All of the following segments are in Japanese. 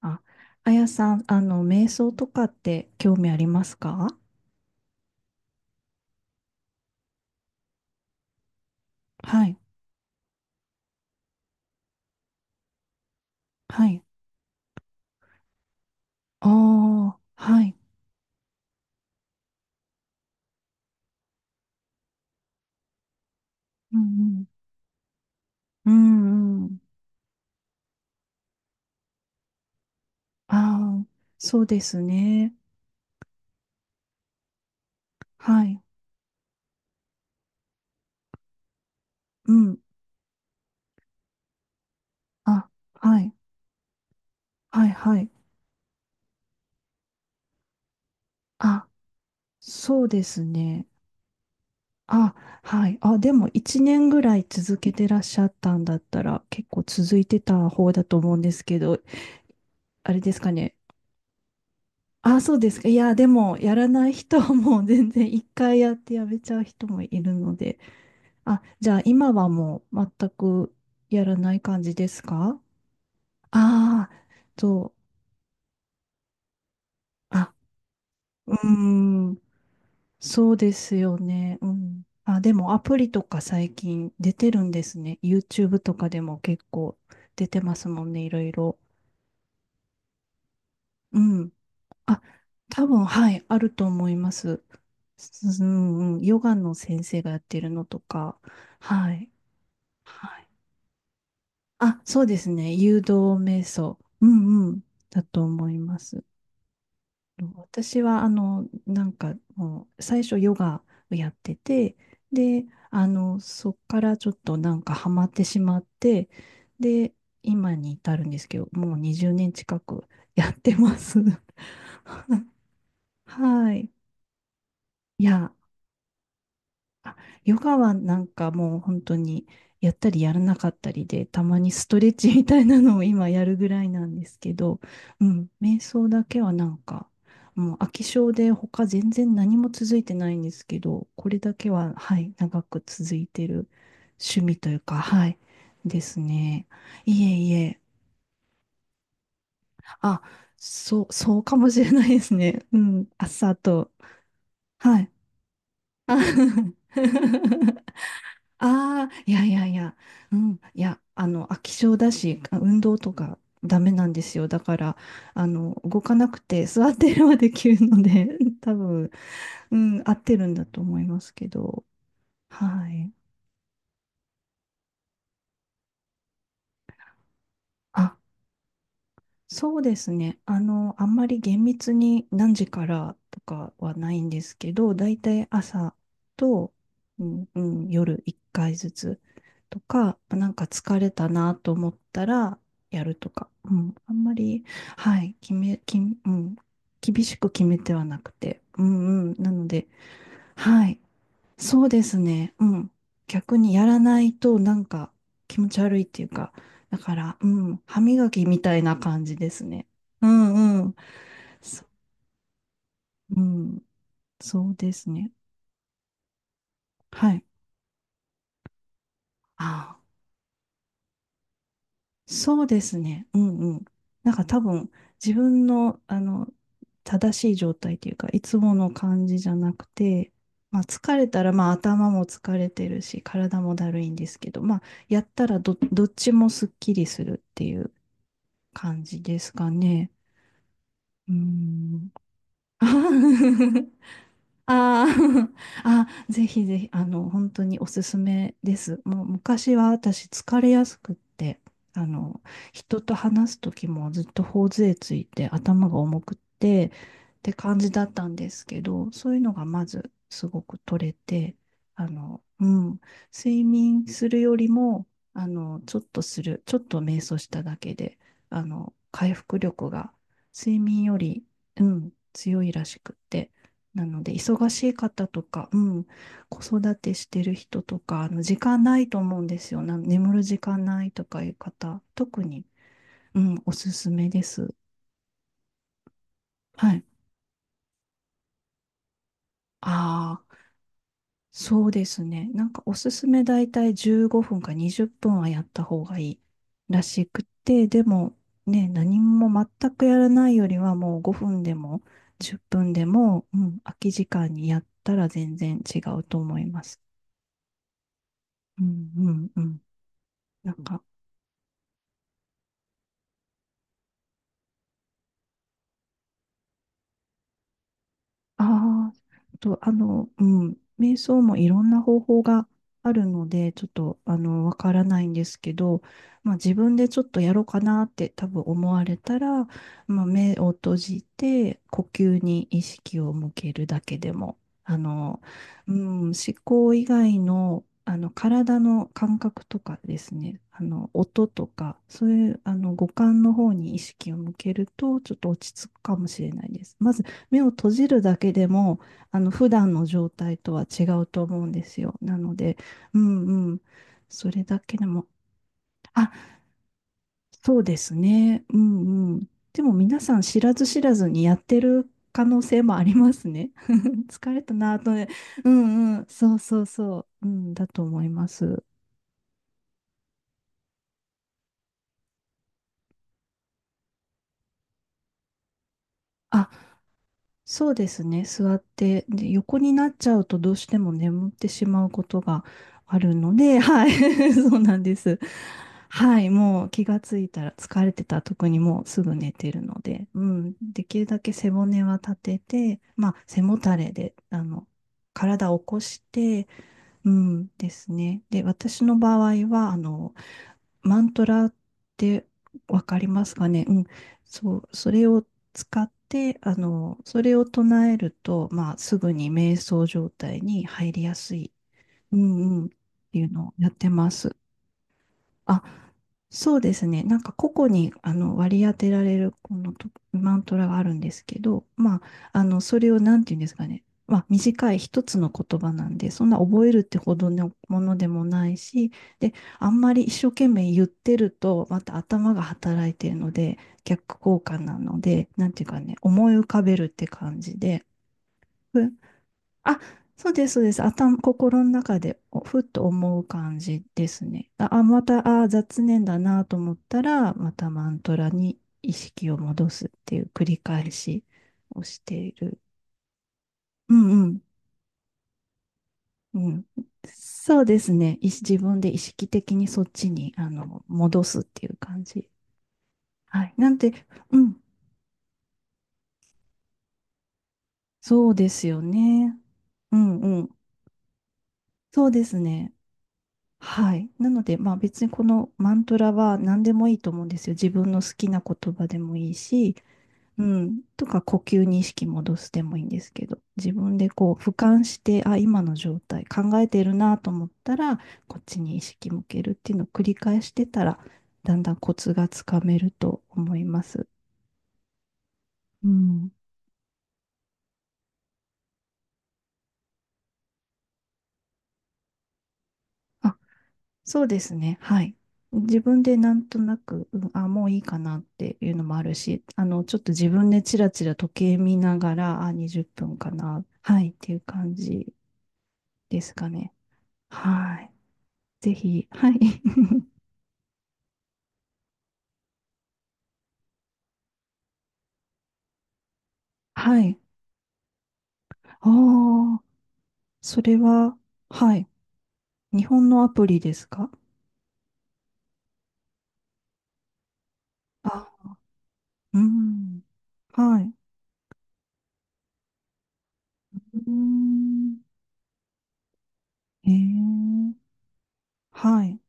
あ、あやさん、瞑想とかって興味ありますか？はい、はい。ああ、はい。うんうん。うんうん。ああ、そうですね。はい。うん。あ、はい。はい、はい。あ、そうですね。あ、はい。あ、でも一年ぐらい続けてらっしゃったんだったら、結構続いてた方だと思うんですけど、あれですかね。あ、そうですか。いや、でも、やらない人はもう全然一回やってやめちゃう人もいるので。あ、じゃあ今はもう全くやらない感じですか？ああー、そう。あ、うーん、そうですよね。うん。あ、でもアプリとか最近出てるんですね。YouTube とかでも結構出てますもんね、いろいろ。うん。あ、多分、はい、あると思います。うん、うん、ヨガの先生がやってるのとか、はい、はい。あ、そうですね、誘導瞑想、うんうん、だと思います。私は、なんか、もう、最初ヨガをやってて、で、そっからちょっとなんかハマってしまって、で、今に至るんですけど、もう20年近くやってます。はい。いや、あヨガはなんかもう本当にやったりやらなかったりで、たまにストレッチみたいなのを今やるぐらいなんですけど、うん、瞑想だけはなんか、もう飽き性で他全然何も続いてないんですけど、これだけは、はい、長く続いてる趣味というか、はい、ですね。いえいえ、あ、そう、そうかもしれないですね。うん、朝と、はい。あ はい。ああ、いやいやいや、うん、いや、飽き性だし、あ運動とかダメなんですよ。だから、動かなくて座ってればできるので、多分、うん、合ってるんだと思いますけど、はい。あ、そうですね。あんまり厳密に何時からとかはないんですけど、だいたい朝と、うんうん、夜1回ずつとか、なんか疲れたなと思ったらやるとか、うん、あんまり、はい、決め、き、うん、厳しく決めてはなくて、うんうん、なので、はい、そうですね。うん。逆にやらないとなんか気持ち悪いっていうか、だから、うん、歯磨きみたいな感じですね。うんうん。そ、うん、そうですね。はい。ああ、そうですね。うんうん。なんか多分自分の、正しい状態っていうか、いつもの感じじゃなくて、まあ疲れたら、まあ頭も疲れてるし、体もだるいんですけど、まあやったらどっちもすっきりするっていう。感じですかね。うーん。あー あ、ぜひぜひ、本当におすすめです。もう昔は私疲れやすくって、あの、人と話す時もずっと頬杖ついて頭が重くってって感じだったんですけど、そういうのがまずすごく取れて、うん、睡眠するよりも、ちょっと瞑想しただけで、回復力が睡眠より、うん、強いらしくって。なので、忙しい方とか、うん、子育てしてる人とか、あの時間ないと思うんですよ。な眠る時間ないとかいう方、特に、うん、おすすめです。はい。ああ、そうですね。なんかおすすめだいたい15分か20分はやった方がいいらしくて、でもね、何も全くやらないよりはもう5分でも10分でも、うん、空き時間にやったら全然違うと思います。うんうんうん。なんかああ、と、うん、瞑想もいろんな方法があるので、ちょっと、わからないんですけど、まあ、自分でちょっとやろうかなって多分思われたら、まあ、目を閉じて、呼吸に意識を向けるだけでも、あの、うん、思考以外の、体の感覚とかですね、音とか、そういう、五感の方に意識を向けると、ちょっと落ち着くかもしれないです。まず目を閉じるだけでも、普段の状態とは違うと思うんですよ。なので、うんうん。それだけでも、あ、そうですね。うんうん。でも皆さん知らず知らずにやってる可能性もありますね。疲れたなぁとね。うんうん。そうそうそう。うん、だと思います。あ、そうですね。座って、で、横になっちゃうとどうしても眠ってしまうことがあるので、はい。そうなんです。はい。もう気がついたら疲れてたら特にもうすぐ寝てるので、うん。できるだけ背骨は立てて、まあ、背もたれで、体を起こして、うんですね。で、私の場合は、マントラってわかりますかね。うん。そう、それを使って、それを唱えると、まあ、すぐに瞑想状態に入りやすい。うんうん。っていうのをやってます。あ、そうですね。なんか個々にあの割り当てられるこのとマントラがあるんですけど、まあ、あのそれをなんていうんですかね、まあ、短い一つの言葉なんで、そんな覚えるってほどのものでもないし、で、あんまり一生懸命言ってると、また頭が働いてるので、逆効果なので、なんていうかね、思い浮かべるって感じで、あ、そうです。頭、心の中でおふっと思う感じですね。あ、あまた、あ、雑念だなと思ったら、またマントラに意識を戻すっていう繰り返しをしている。うんうん。うん、そうですね。い自分で意識的にそっちにあの戻すっていう感じ。はい。なんて、うん。そうですよね。うんうん。そうですね。はい。なので、まあ別にこのマントラは何でもいいと思うんですよ。自分の好きな言葉でもいいし、うん、とか呼吸に意識戻すでもいいんですけど、自分でこう俯瞰して、あ、今の状態考えてるなと思ったら、こっちに意識向けるっていうのを繰り返してたら、だんだんコツがつかめると思います。うん。あ、そうですね。はい。自分でなんとなく、うん、あ、もういいかなっていうのもあるし、ちょっと自分でチラチラ時計見ながら、あ、20分かな、はい、っていう感じですかね。はい。ぜひ、はい。はい。ああ、それは、はい。日本のアプリですか？あ、うん。はい。うん。へえ。はい。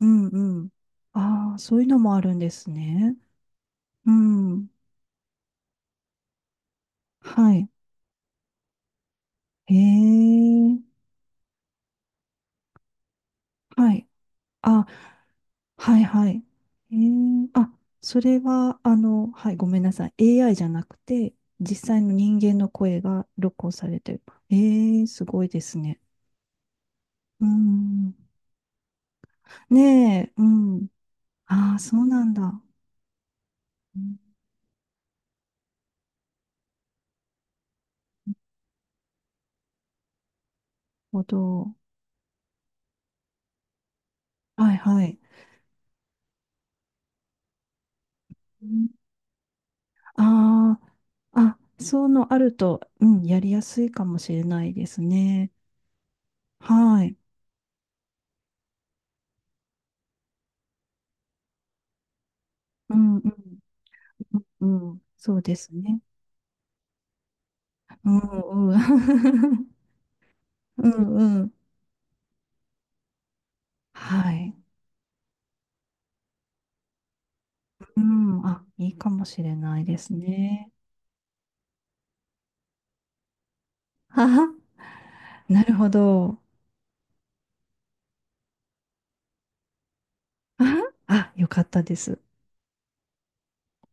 うんうん。ああ、そういうのもあるんですね。うん。はい。へえ、はい。あ、はいはい。へえ、あ、それは、はい、ごめんなさい。AI じゃなくて、実際の人間の声が録音されてる。ええ、すごいですね。うん。ねえ、うん。ああ、そうなんだ。なるほど。はいはい。ああー、あ、そうのあると、うん、やりやすいかもしれないですね。はい。うん、うん、うんそうですね。うんうん。うんうん。はい。うん。あ、いいかもしれないですね。はは。なるほど。あは、あよかったです。